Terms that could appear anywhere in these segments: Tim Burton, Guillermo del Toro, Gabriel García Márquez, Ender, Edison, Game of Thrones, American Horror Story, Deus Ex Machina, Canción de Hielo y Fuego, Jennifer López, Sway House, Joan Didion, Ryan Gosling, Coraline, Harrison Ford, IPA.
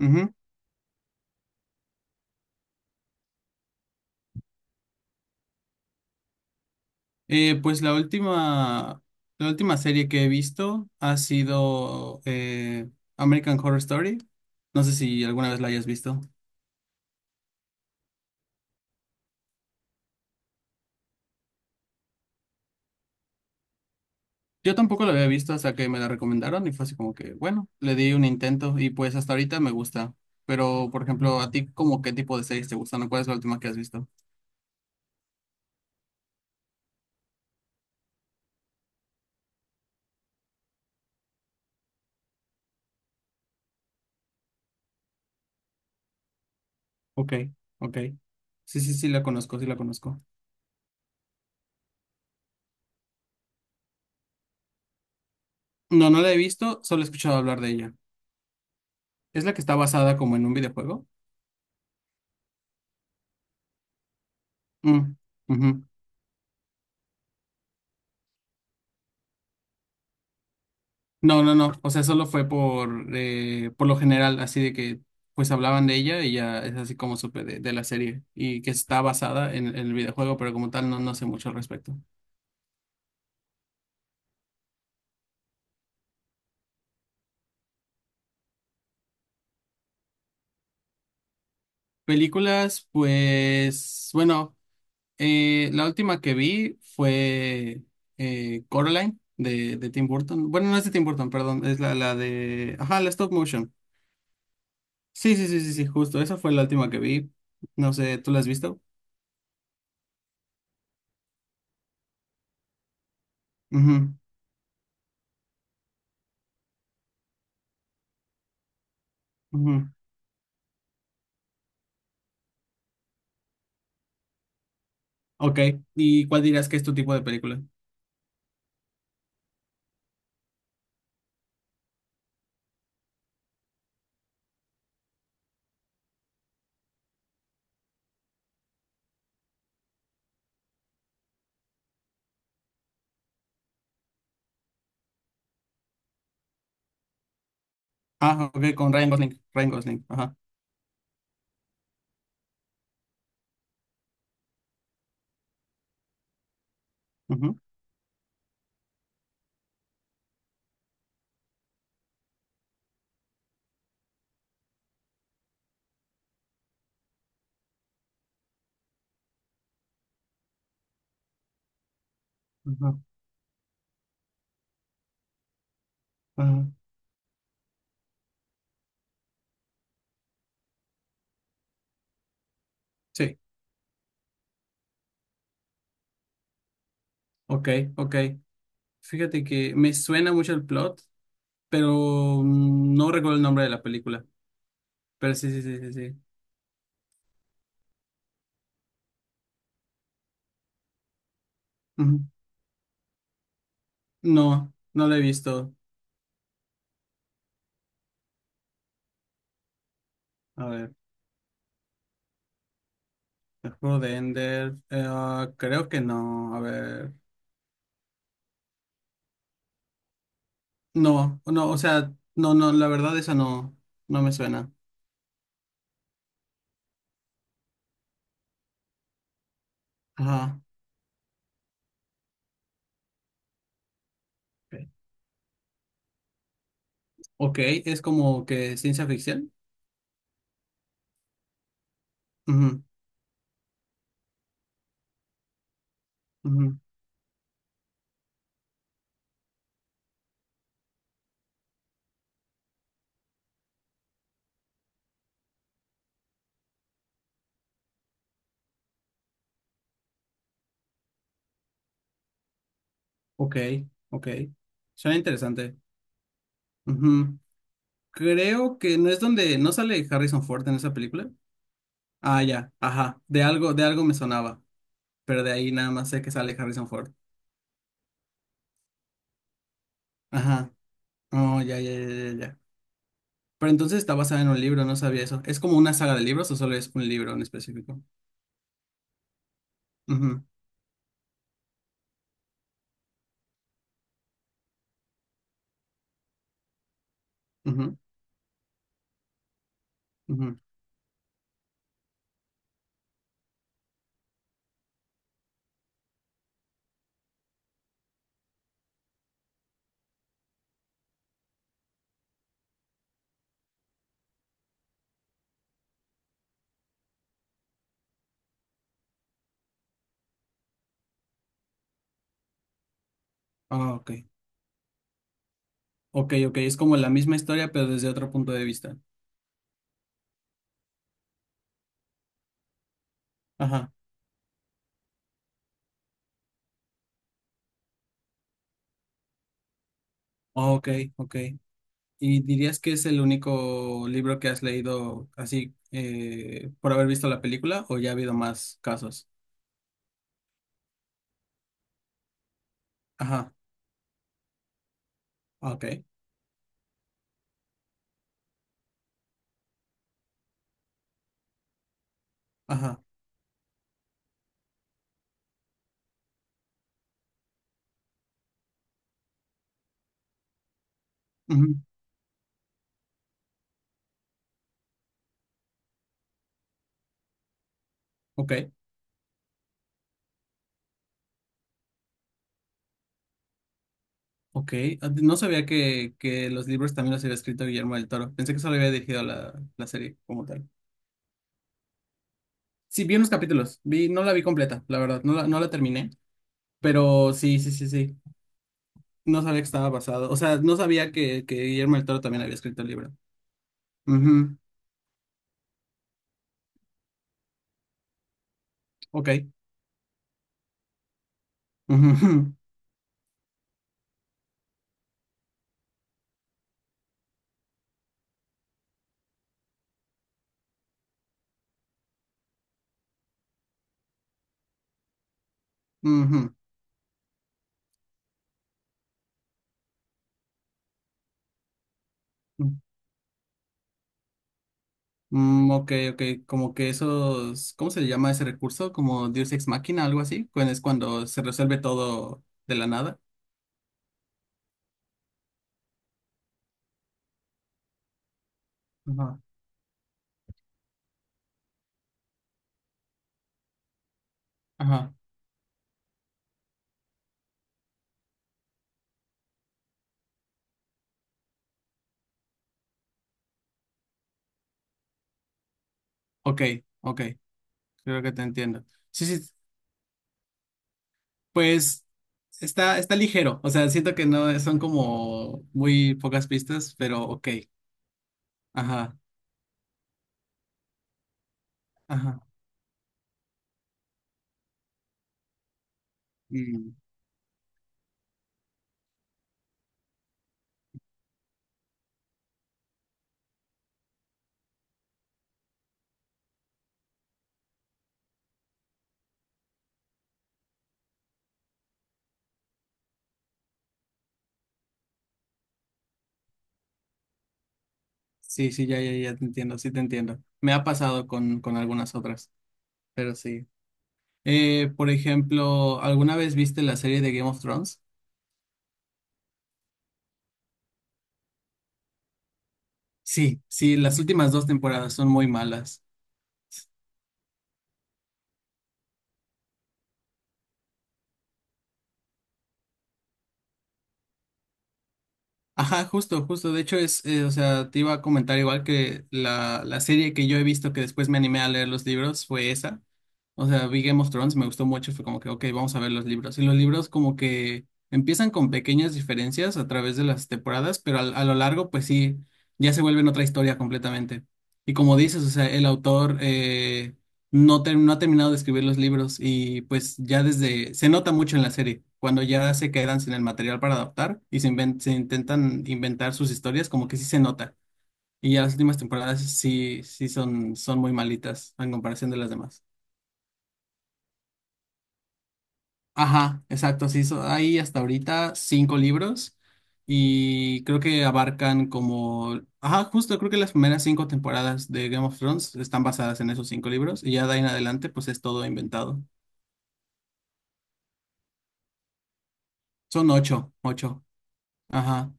Ujú. Pues la última serie que he visto ha sido American Horror Story. No sé si alguna vez la hayas visto. Yo tampoco la había visto hasta que me la recomendaron y fue así como que, bueno, le di un intento y pues hasta ahorita me gusta. Pero, por ejemplo, ¿a ti como qué tipo de series te gustan o cuál es la última que has visto? Ok, ok. Sí, sí, sí, la conozco, sí la conozco. No, no la he visto, solo he escuchado hablar de ella. ¿Es la que está basada como en un videojuego? Mm, ujú. No, no, no. O sea, solo fue por lo general, así de que pues hablaban de ella y ya es así como supe de la serie y que está basada en el videojuego, pero como tal no sé mucho al respecto. Películas, pues bueno, la última que vi fue Coraline de Tim Burton. Bueno, no es de Tim Burton, perdón, es la de. Ajá, la stop motion. Sí, sí, sí, sí, sí, justo. Esa fue la última que vi. No sé, ¿tú la has visto? Ujú, ujú. Ok, ¿y cuál dirías que es tu tipo de película? Ah, ok, con Ryan Gosling, Ryan Gosling, ajá, ujú, ajá, ajá. Sí, ok, ok. Fíjate que me suena mucho el plot, pero no recuerdo el nombre de la película, pero sí, sí, sí, sí, sí. Ujú. No, no la he visto. A ver, el juego de Ender, ah, creo que no, a ver, no, no, o sea, no, no, la verdad esa no, no me suena. Ajá, ok, es como que ciencia ficción. Ujú, ujú. Ok, ok. Suena interesante. Ujú. Creo que no es donde no sale Harrison Ford en esa película. Ah, ya, ajá. De algo me sonaba, pero de ahí nada más sé que sale Harrison Ford. Ajá. Oh, ya, ya, ya, ya, ya. Pero entonces está basada en un libro, no sabía eso. ¿Es como una saga de libros o solo es un libro en específico? Ujú, ujú, ujú. Ah, ok. Ok, ok. Es como la misma historia, pero desde otro punto de vista. Ajá. Ok, ok. ¿Y dirías que es el único libro que has leído así por haber visto la película o ya ha habido más casos? Ajá, ah, ok, ajá, ujú, ok, ok. Ah, no sabía que los libros también los había escrito Guillermo del Toro. Pensé que solo había dirigido la serie como tal. Sí, vi unos capítulos, vi, no la vi completa, la verdad, no la terminé, pero sí, sí, sí, sí. No sabía que estaba basado, o sea, no sabía que Guillermo del Toro también había escrito el libro. Ujú, ok. Ujú, ujú, ujú. Mm, ok, ok, como que esos, ¿cómo se le llama ese recurso? Como Deus Ex Machina, algo así, cuando es cuando se resuelve todo de la nada. Ajá, ajá, ok, ok, creo que te entiendo. Sí, sí, pues está ligero, o sea, siento que no son como muy pocas pistas, pero ok, ajá, ajá. Mm, sí, sí, ya, ya, ya te entiendo, sí te entiendo. Me ha pasado con algunas otras, pero sí. Por ejemplo, ¿alguna vez viste la serie de Game of Thrones? Sí, sí, las últimas dos temporadas son muy malas. Ajá, justo, justo. De hecho, o sea, te iba a comentar igual que la serie que yo he visto que después me animé a leer los libros fue esa. O sea, vi Game of Thrones, me gustó mucho, fue como que, ok, vamos a ver los libros. Y los libros como que empiezan con pequeñas diferencias a través de las temporadas, pero a lo largo, pues sí, ya se vuelven otra historia completamente. Y como dices, o sea, el autor no, no ha terminado de escribir los libros y pues ya desde, se nota mucho en la serie, cuando ya se quedan sin el material para adaptar y se intentan inventar sus historias, como que sí se nota. Y ya las últimas temporadas sí, sí son muy malitas en comparación de las demás. Ajá, exacto, sí, hay hasta ahorita cinco libros y creo que abarcan como, ajá, justo creo que las primeras cinco temporadas de Game of Thrones están basadas en esos cinco libros y ya de ahí en adelante pues es todo inventado. Son ocho, ocho. Ajá.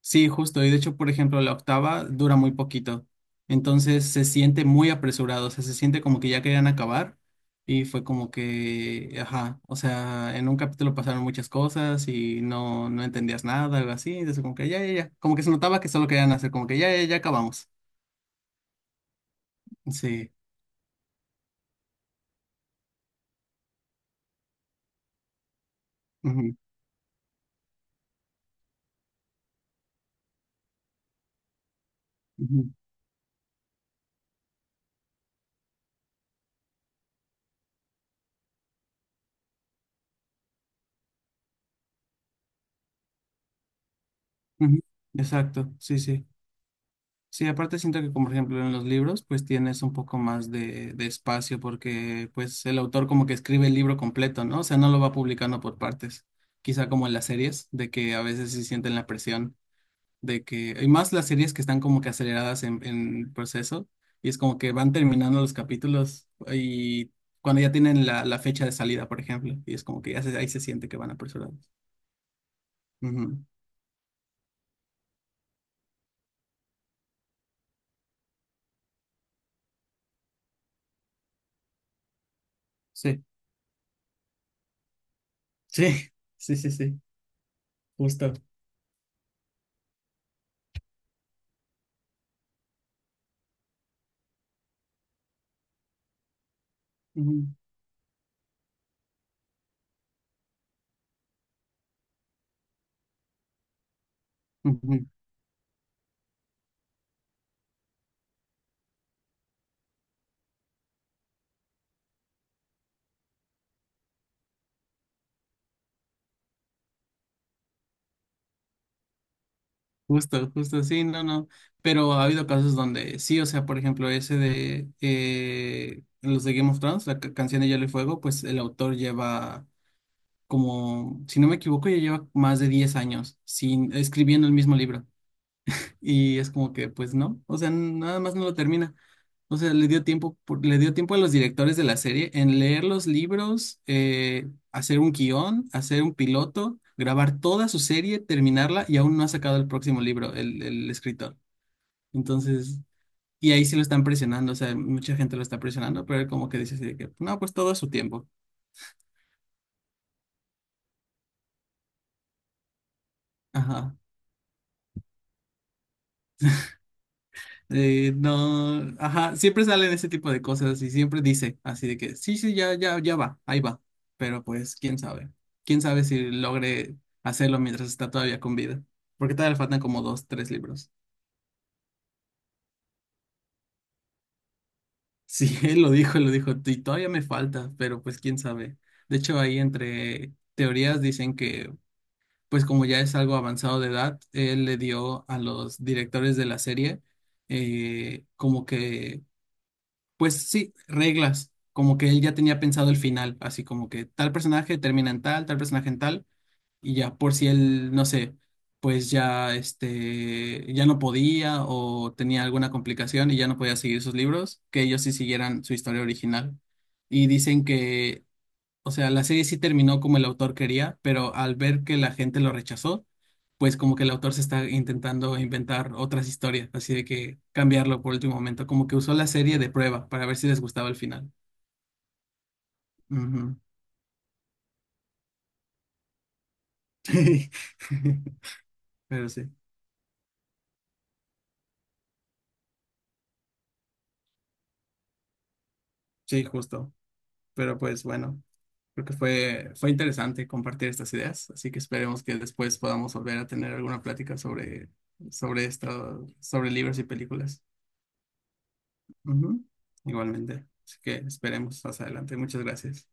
Sí, justo. Y de hecho, por ejemplo, la octava dura muy poquito. Entonces se siente muy apresurado. O sea, se siente como que ya querían acabar. Y fue como que, ajá. O sea, en un capítulo pasaron muchas cosas y no entendías nada, algo así. Entonces, como que ya, ya, ya. Como que se notaba que solo querían hacer, como que ya, ya, ya acabamos. Sí. Ujú, ujú, ujú. Exacto. Sí, sí. Sí, aparte siento que, como por ejemplo en los libros, pues tienes un poco más de espacio porque pues el autor como que escribe el libro completo, ¿no? O sea, no lo va publicando por partes. Quizá como en las series, de que a veces sí sienten la presión de que, y más las series que están como que aceleradas en el proceso, y es como que van terminando los capítulos y cuando ya tienen la fecha de salida, por ejemplo, y es como que ya ahí se siente que van apresurados. Ujú. Sí, sí, sí, sí, sí, justo. Ujú, ujú. Justo, justo, sí, no, no. Pero ha habido casos donde sí, o sea, por ejemplo, ese de los de Game of Thrones, la canción de Hielo y Fuego, pues el autor lleva como, si no me equivoco, ya lleva más de 10 años sin, escribiendo el mismo libro. Y es como que, pues no, o sea, nada más no lo termina. O sea, le dio tiempo, le dio tiempo a los directores de la serie en leer los libros, hacer un guión, hacer un piloto, grabar toda su serie, terminarla y aún no ha sacado el próximo libro, el escritor. Entonces, y ahí sí lo están presionando, o sea, mucha gente lo está presionando, pero él como que dice así de que, no, pues todo a su tiempo. Ajá. No, ajá, siempre salen ese tipo de cosas y siempre dice así de que sí, sí, ya, ya, ya va, ahí va. Pero pues, quién sabe. Quién sabe si logre hacerlo mientras está todavía con vida. Porque todavía le faltan como dos, tres libros. Sí, él lo dijo, y todavía me falta, pero pues quién sabe. De hecho, ahí entre teorías dicen que, pues como ya es algo avanzado de edad, él le dio a los directores de la serie como que pues sí, reglas, como que él ya tenía pensado el final, así como que tal personaje termina en tal, tal personaje en tal, y ya por si él, no sé, pues ya este, ya no podía o tenía alguna complicación y ya no podía seguir sus libros, que ellos sí siguieran su historia original. Y dicen que, o sea, la serie sí terminó como el autor quería, pero al ver que la gente lo rechazó, pues como que el autor se está intentando inventar otras historias, así de que cambiarlo por último momento, como que usó la serie de prueba para ver si les gustaba el final. Ujú. Pero sí, sí, justo. Pero pues bueno, creo que fue interesante compartir estas ideas, así que esperemos que después podamos volver a tener alguna plática sobre esto, sobre libros y películas. Ujú. Igualmente. Así que esperemos más adelante. Muchas gracias.